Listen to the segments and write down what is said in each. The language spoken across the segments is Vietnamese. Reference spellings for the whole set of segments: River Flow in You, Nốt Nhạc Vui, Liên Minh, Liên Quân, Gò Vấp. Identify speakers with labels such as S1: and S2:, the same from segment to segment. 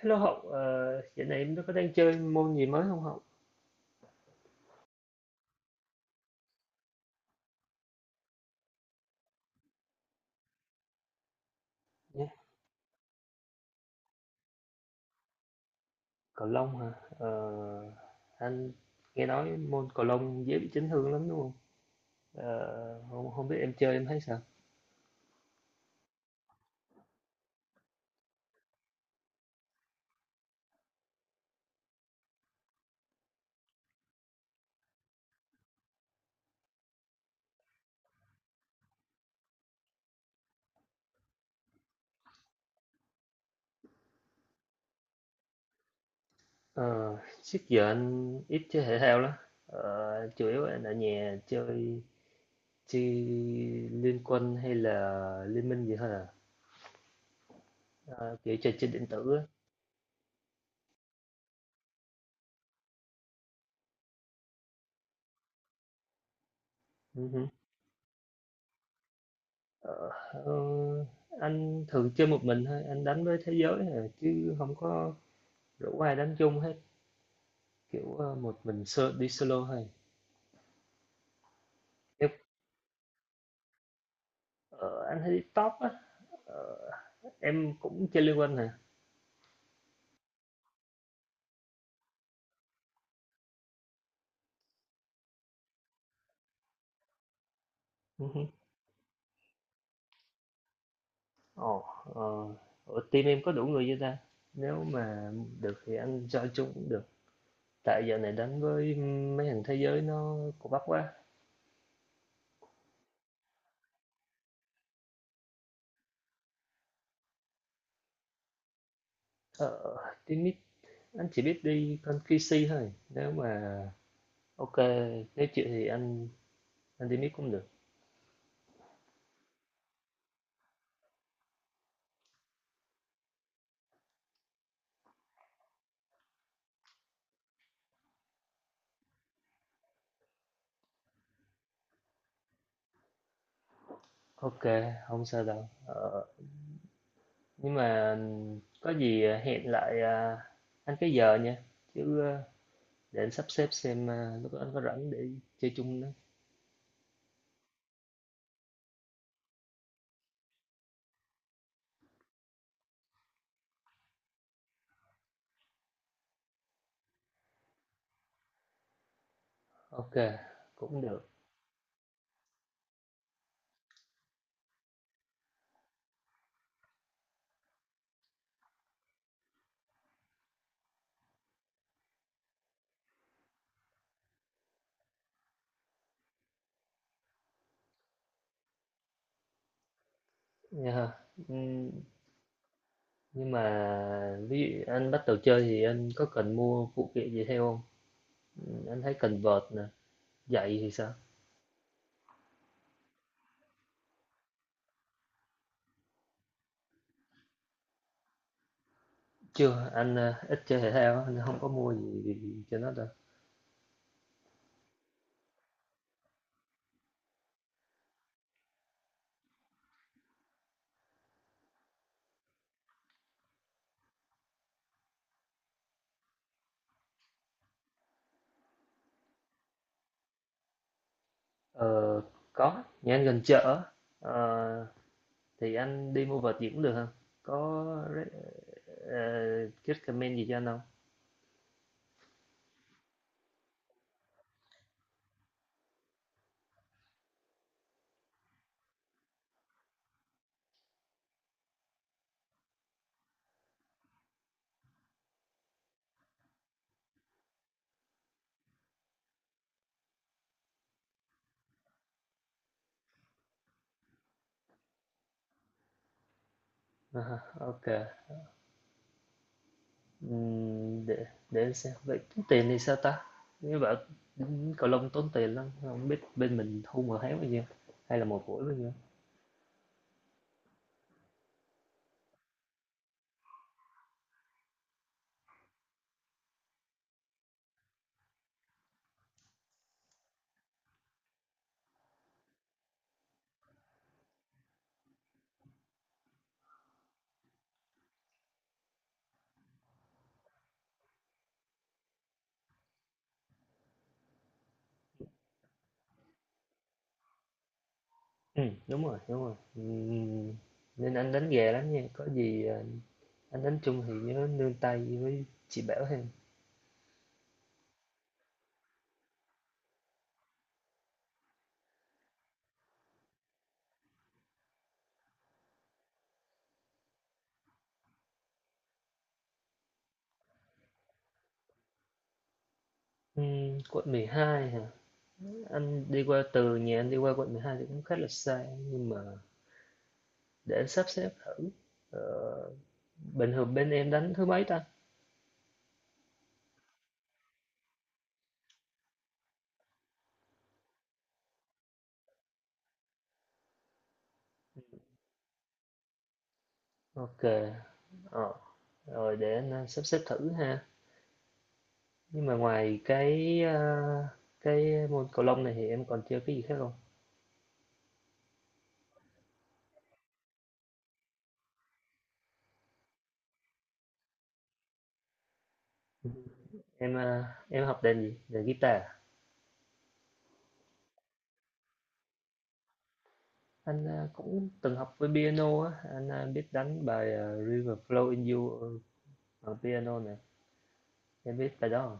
S1: Hello Hậu, dạo này em có đang chơi môn gì mới không Hậu? Nhé, cầu lông hả? Ờ, anh nghe nói môn cầu lông dễ bị chấn thương lắm đúng không? Không, không biết em chơi em thấy sao? Ờ, Trước giờ anh ít chơi thể thao lắm. Chủ yếu anh ở nhà chơi chơi Liên Quân hay là Liên Minh gì thôi à? Ờ, Kiểu chơi trên điện tử á. Ừ hử. Ờ, ờ, anh thường chơi một mình thôi, anh đánh với thế giới à, chứ không có rủ ai đánh chung hết. Kiểu, một mình solo đi solo thôi. Em ờ, anh thấy top á. ờ, em cũng chơi Liên Quân hả? Ừ hứ. Ồ, ờ, ở team em có đủ người chưa ta? Nếu mà được thì anh join chung cũng được. Tại giờ này đánh với mấy thằng thế giới nó cũng bắp quá. Ờ, Team mid anh chỉ biết đi con QC thôi. Nếu mà ok, nếu chịu thì anh team mid cũng được. Ok, không sao đâu. Ờ, Nhưng mà có gì hẹn lại anh cái giờ nha. Chứ à, để anh sắp xếp xem lúc đó anh có rảnh để chơi chung nữa. Ok, cũng được nha. Ừm, Nhưng mà ví dụ anh bắt đầu chơi thì anh có cần mua phụ kiện gì theo không? Anh thấy cần vợt nè, giày thì sao? Chưa, anh ít chơi thể thao á, nên không có mua gì cho nó đâu. Ờ, có, nhà anh gần chợ. Ờ, thì anh đi mua vợt gì cũng được hông? Có re ờ, recommend gì cho anh không? À OK, ừm, để để anh xem, vậy tốn tiền thì sao ta? Nghe bảo, cầu lông tốn tiền lắm, không biết bên mình thu một tháng bao nhiêu, hay là một buổi bao nhiêu? Đúng rồi, đúng rồi, nên anh đánh gà lắm nha, có gì, anh đánh chung thì nhớ nương tay với chị bảo thêm. Quận 12 hả? Anh đi qua từ nhà anh đi qua quận 12 thì cũng khá là xa, nhưng mà để em sắp xếp thử. ờ, Bình thường bên em đánh thứ mấy ta? Ok. ờ, Rồi để anh sắp xếp thử ha. Nhưng mà ngoài cái môn cầu lông này thì em còn chơi cái gì khác không? em ờ, em học đàn gì, đàn guitar à? Anh cũng từng học với piano á, anh biết đánh bài River Flow in You ở piano này. Em biết bài đó không?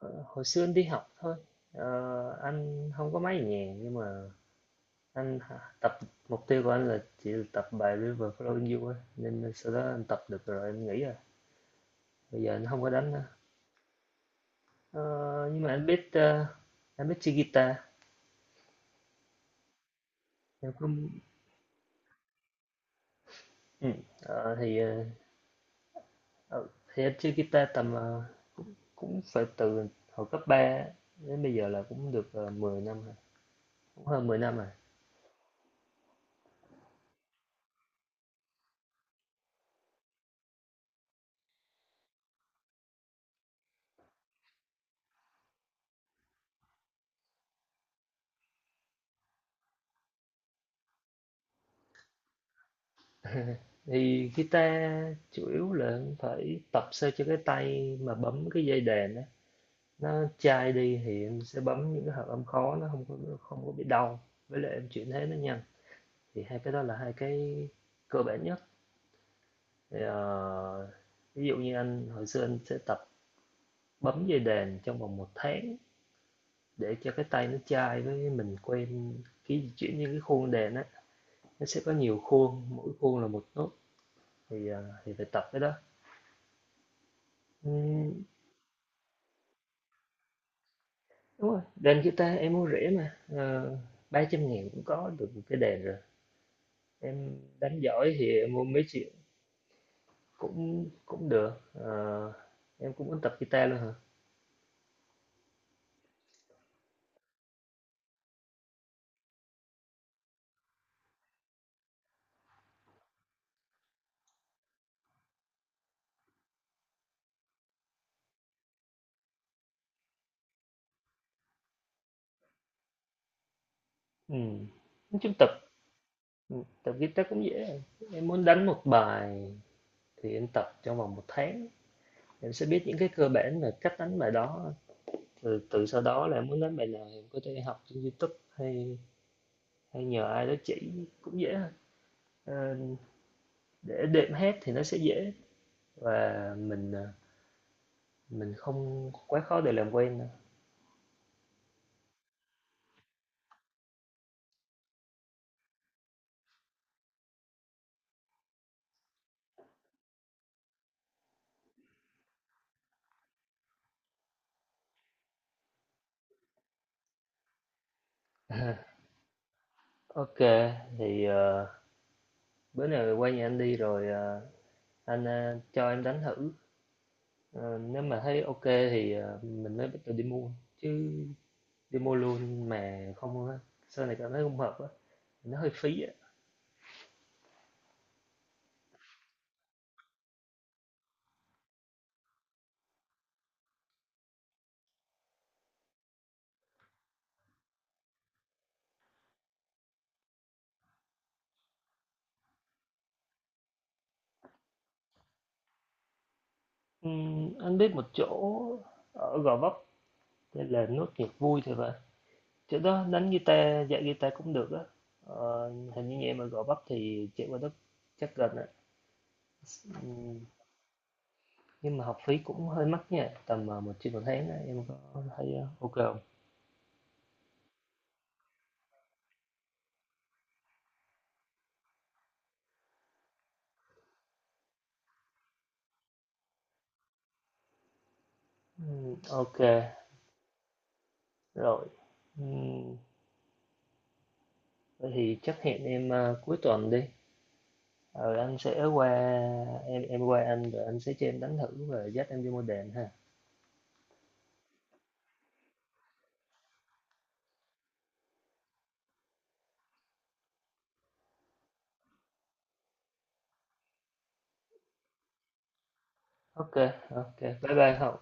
S1: Ờ, Hồi xưa anh đi học thôi. Anh không có máy nhạc, nhưng mà anh tập mục tiêu của anh là chỉ tập bài River Flow in You á, nên sau đó anh tập được rồi em nghĩ rồi bây giờ anh không có đánh nữa. Ờ, nhưng mà anh biết chơi guitar. Em cũng ừ. Ờ, thì ờ, ờ, thì anh chơi guitar tầm cũng phải từ hồi cấp 3 đến bây giờ là cũng được 10 năm rồi, cũng hơn 10 năm rồi. Thì guitar chủ yếu là phải tập sao cho cái tay mà bấm cái dây đàn đó nó chai đi, thì em sẽ bấm những cái hợp âm khó nó không có bị đau, với lại em chuyển thế nó nhanh. Thì hai cái đó là hai cái cơ bản nhất. Thì, ví dụ như anh hồi xưa anh sẽ tập bấm dây đàn trong vòng một tháng để cho cái tay nó chai với mình quen khi chuyển những cái khuôn đàn á, nó sẽ có nhiều khuôn, mỗi khuôn là một nốt. Thì phải tập cái đó. Ừm, Đúng rồi, đàn guitar em mua rẻ mà. Ờ, Ba trăm ngàn cũng có được một cái đàn rồi, em đánh giỏi thì em mua mấy triệu. Cũng cũng được, em cũng muốn tập guitar luôn hả? Ừm, nói chung, tập guitar cũng dễ à. Em muốn đánh một bài thì em tập trong vòng một tháng, em sẽ biết những cái cơ bản là cách đánh bài đó. Từ từ sau đó là em muốn đánh bài nào em có thể học trên YouTube hay hay nhờ ai đó chỉ cũng dễ thôi. Ờ, để đệm hát thì nó sẽ dễ, và mình không quá khó để làm quen đâu. Ok, thì ờ, bữa nào quay nhà anh đi rồi, anh, cho em đánh thử, ờ, nếu mà thấy ok thì, mình mới bắt đầu đi mua, chứ đi mua luôn mà không á, sau này cảm thấy không hợp á, nó hơi phí á. Anh biết một chỗ ở Gò Vấp tên là Nốt Nhạc Vui thì vậy. Chỗ đó đánh guitar, dạy guitar cũng được á. Ờ, Hình như nhà em ở Gò Vấp thì chạy qua đó chắc gần á. Ừm, nhưng mà học phí cũng hơi mắc nha, tầm một triệu một tháng á, em có thấy ok không? Ok, rồi. Ừm, Thế thì chắc hẹn em cuối tuần đi. Ờ, anh sẽ qua em qua anh rồi anh sẽ cho em đánh thử và dắt em đi mua đèn ha. Ok, ok. Bye bye Hậu.